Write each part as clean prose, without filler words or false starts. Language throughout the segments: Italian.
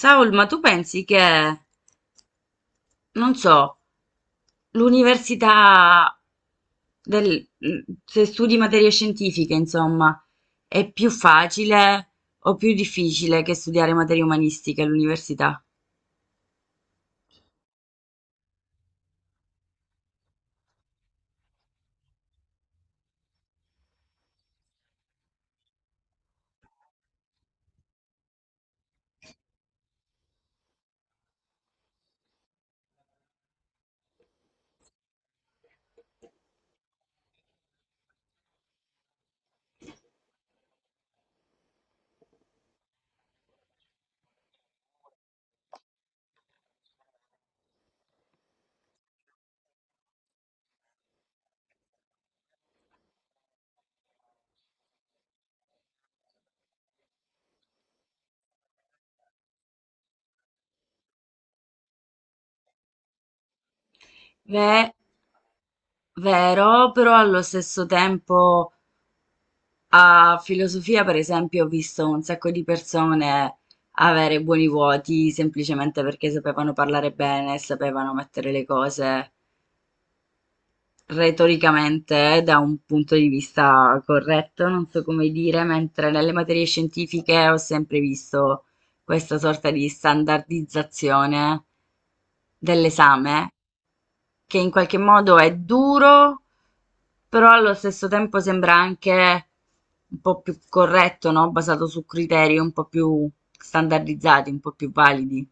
Saul, ma tu pensi che, non so, l'università del, se studi materie scientifiche, insomma, è più facile o più difficile che studiare materie umanistiche all'università? Beh, vero, però allo stesso tempo a filosofia, per esempio, ho visto un sacco di persone avere buoni voti semplicemente perché sapevano parlare bene, sapevano mettere le cose retoricamente, da un punto di vista corretto, non so come dire, mentre nelle materie scientifiche ho sempre visto questa sorta di standardizzazione dell'esame, che in qualche modo è duro, però allo stesso tempo sembra anche un po' più corretto, no? Basato su criteri un po' più standardizzati, un po' più validi.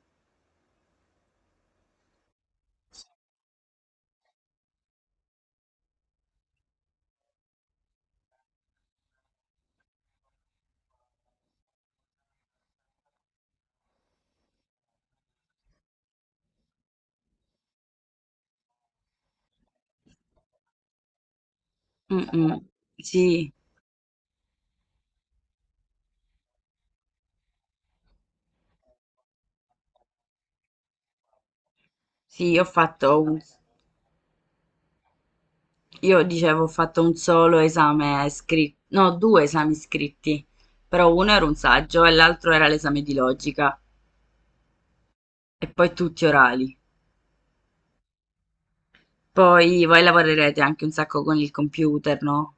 Mm, mm. Sì, sì, io dicevo, ho fatto un solo esame scritto, no, due esami scritti, però uno era un saggio e l'altro era l'esame di logica e poi tutti orali. Poi voi lavorerete anche un sacco con il computer, no?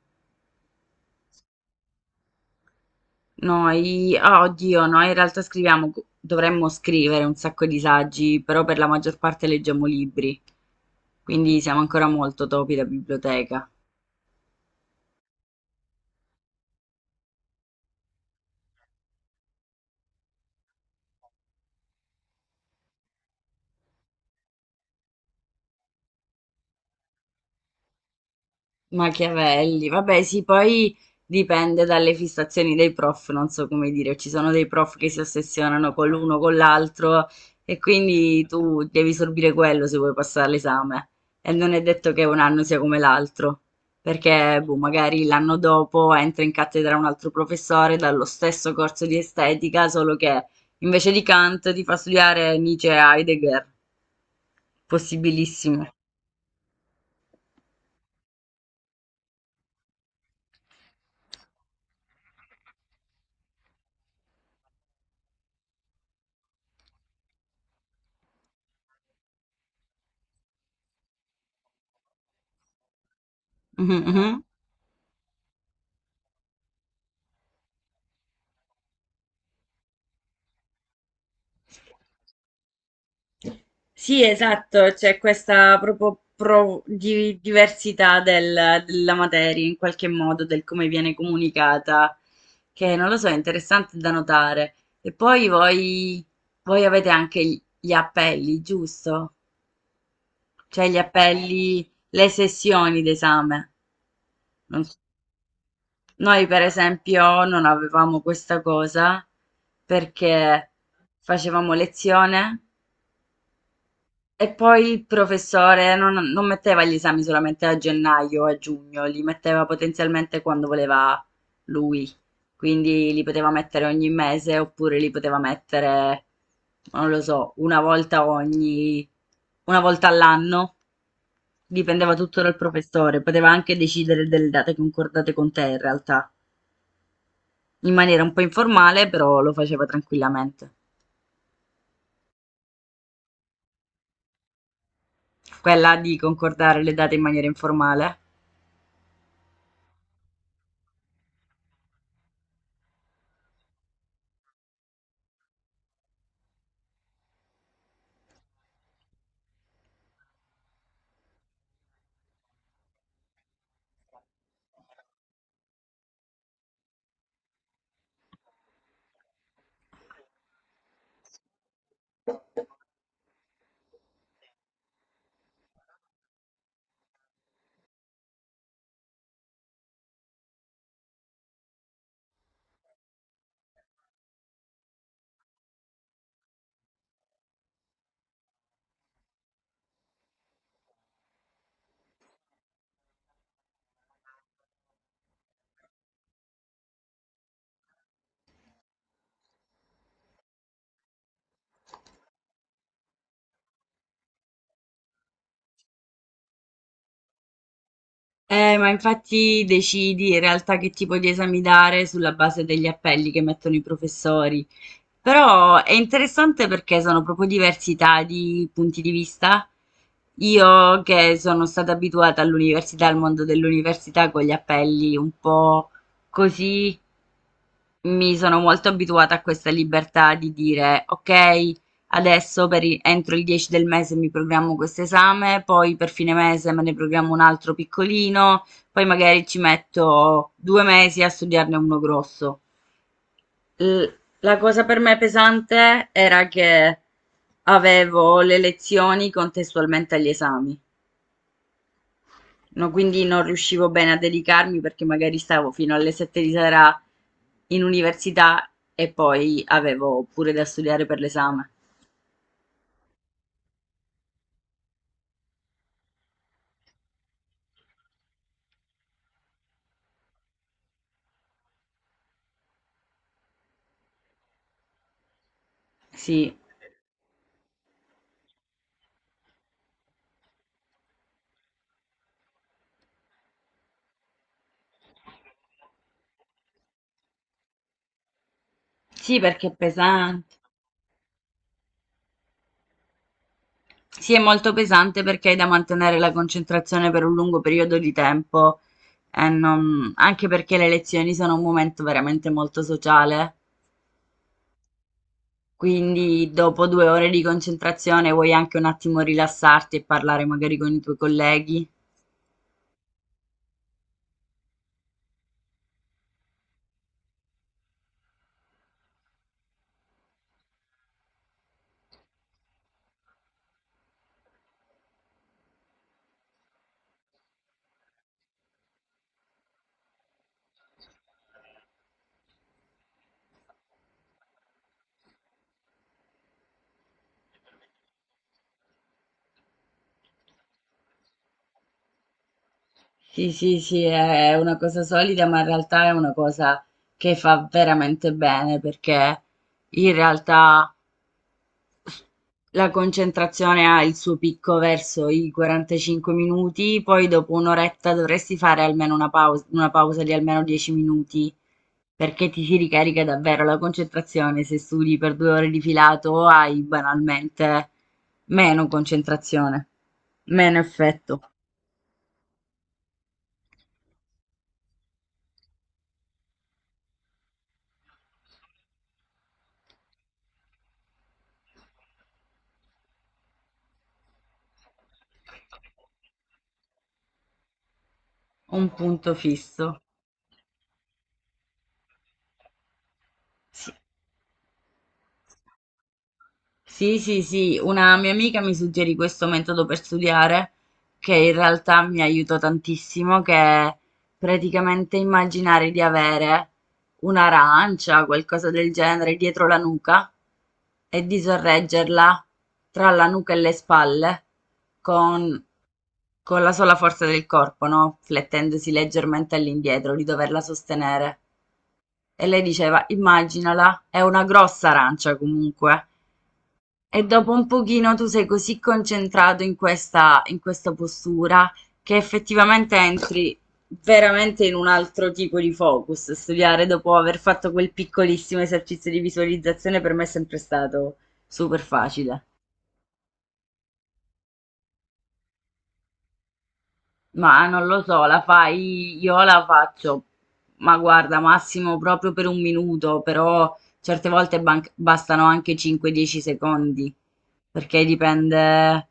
Noi, ah, oddio, noi in realtà scriviamo, dovremmo scrivere un sacco di saggi, però per la maggior parte leggiamo libri, quindi siamo ancora molto topi da biblioteca. Machiavelli, vabbè, sì, poi dipende dalle fissazioni dei prof, non so come dire, ci sono dei prof che si ossessionano con l'uno, con l'altro e quindi tu devi sorbire quello se vuoi passare l'esame e non è detto che un anno sia come l'altro, perché boh, magari l'anno dopo entra in cattedra un altro professore dallo stesso corso di estetica, solo che invece di Kant ti fa studiare Nietzsche e Heidegger, possibilissimo. Sì, esatto, c'è questa proprio diversità della materia in qualche modo, del come viene comunicata, che non lo so, è interessante da notare. E poi voi avete anche gli appelli, giusto? Cioè gli appelli, le sessioni d'esame. Non so. Noi per esempio non avevamo questa cosa perché facevamo lezione, e poi il professore non, non metteva gli esami solamente a gennaio o a giugno, li metteva potenzialmente quando voleva lui. Quindi li poteva mettere ogni mese oppure li poteva mettere, non lo so, una volta ogni, una volta all'anno. Dipendeva tutto dal professore, poteva anche decidere delle date concordate con te in realtà, in maniera un po' informale, però lo faceva tranquillamente. Quella di concordare le date in maniera informale. Ma infatti decidi in realtà che tipo di esami dare sulla base degli appelli che mettono i professori. Però è interessante perché sono proprio diversità di punti di vista. Io che sono stata abituata all'università, al mondo dell'università con gli appelli un po' così, mi sono molto abituata a questa libertà di dire, ok, adesso entro il 10 del mese mi programmo questo esame, poi per fine mese me ne programmo un altro piccolino, poi magari ci metto 2 mesi a studiarne uno grosso. L- la cosa per me pesante era che avevo le lezioni contestualmente agli esami. No, quindi non riuscivo bene a dedicarmi perché magari stavo fino alle 7 di sera in università e poi avevo pure da studiare per l'esame. Sì, sì, perché è pesante. Sì, è molto pesante perché hai da mantenere la concentrazione per un lungo periodo di tempo e non- anche perché le lezioni sono un momento veramente molto sociale. Quindi dopo 2 ore di concentrazione vuoi anche un attimo rilassarti e parlare magari con i tuoi colleghi. Sì, sì, sì, è una cosa solida, ma in realtà è una cosa che fa veramente bene perché in realtà la concentrazione ha il suo picco verso i 45 minuti, poi dopo un'oretta dovresti fare almeno una pausa di almeno 10 minuti perché ti si ricarica davvero la concentrazione. Se studi per 2 ore di filato hai banalmente meno concentrazione, meno effetto, un punto fisso. Sì. Sì, sì, sì, una mia amica mi suggerì questo metodo per studiare che in realtà mi aiutò tantissimo, che è praticamente immaginare di avere un'arancia, qualcosa del genere, dietro la nuca e di sorreggerla tra la nuca e le spalle con, con la sola forza del corpo, no? Flettendosi leggermente all'indietro, di doverla sostenere. E lei diceva, immaginala, è una grossa arancia comunque. E dopo un pochino tu sei così concentrato in questa postura che effettivamente entri veramente in un altro tipo di focus. Studiare dopo aver fatto quel piccolissimo esercizio di visualizzazione per me è sempre stato super facile. Ma non lo so, la fai, io la faccio, ma guarda, massimo proprio per un minuto, però certe volte bastano anche 5-10 secondi, perché dipende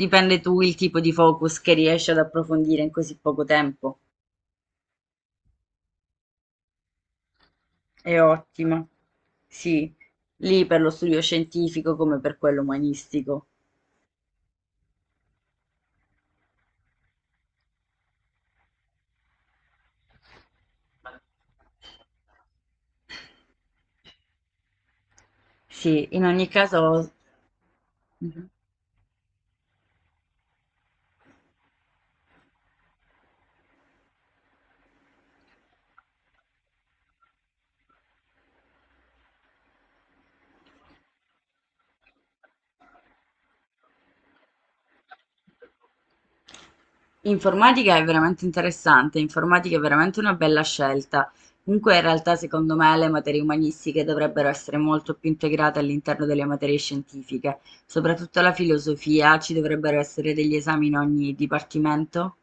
Dipende Tu il tipo di focus che riesci ad approfondire in così poco tempo. È ottimo. Sì, lì per lo studio scientifico come per quello umanistico. Sì, in ogni caso, Mhm. informatica è veramente interessante, informatica è veramente una bella scelta. Comunque, in realtà, secondo me, le materie umanistiche dovrebbero essere molto più integrate all'interno delle materie scientifiche, soprattutto la filosofia, ci dovrebbero essere degli esami in ogni dipartimento.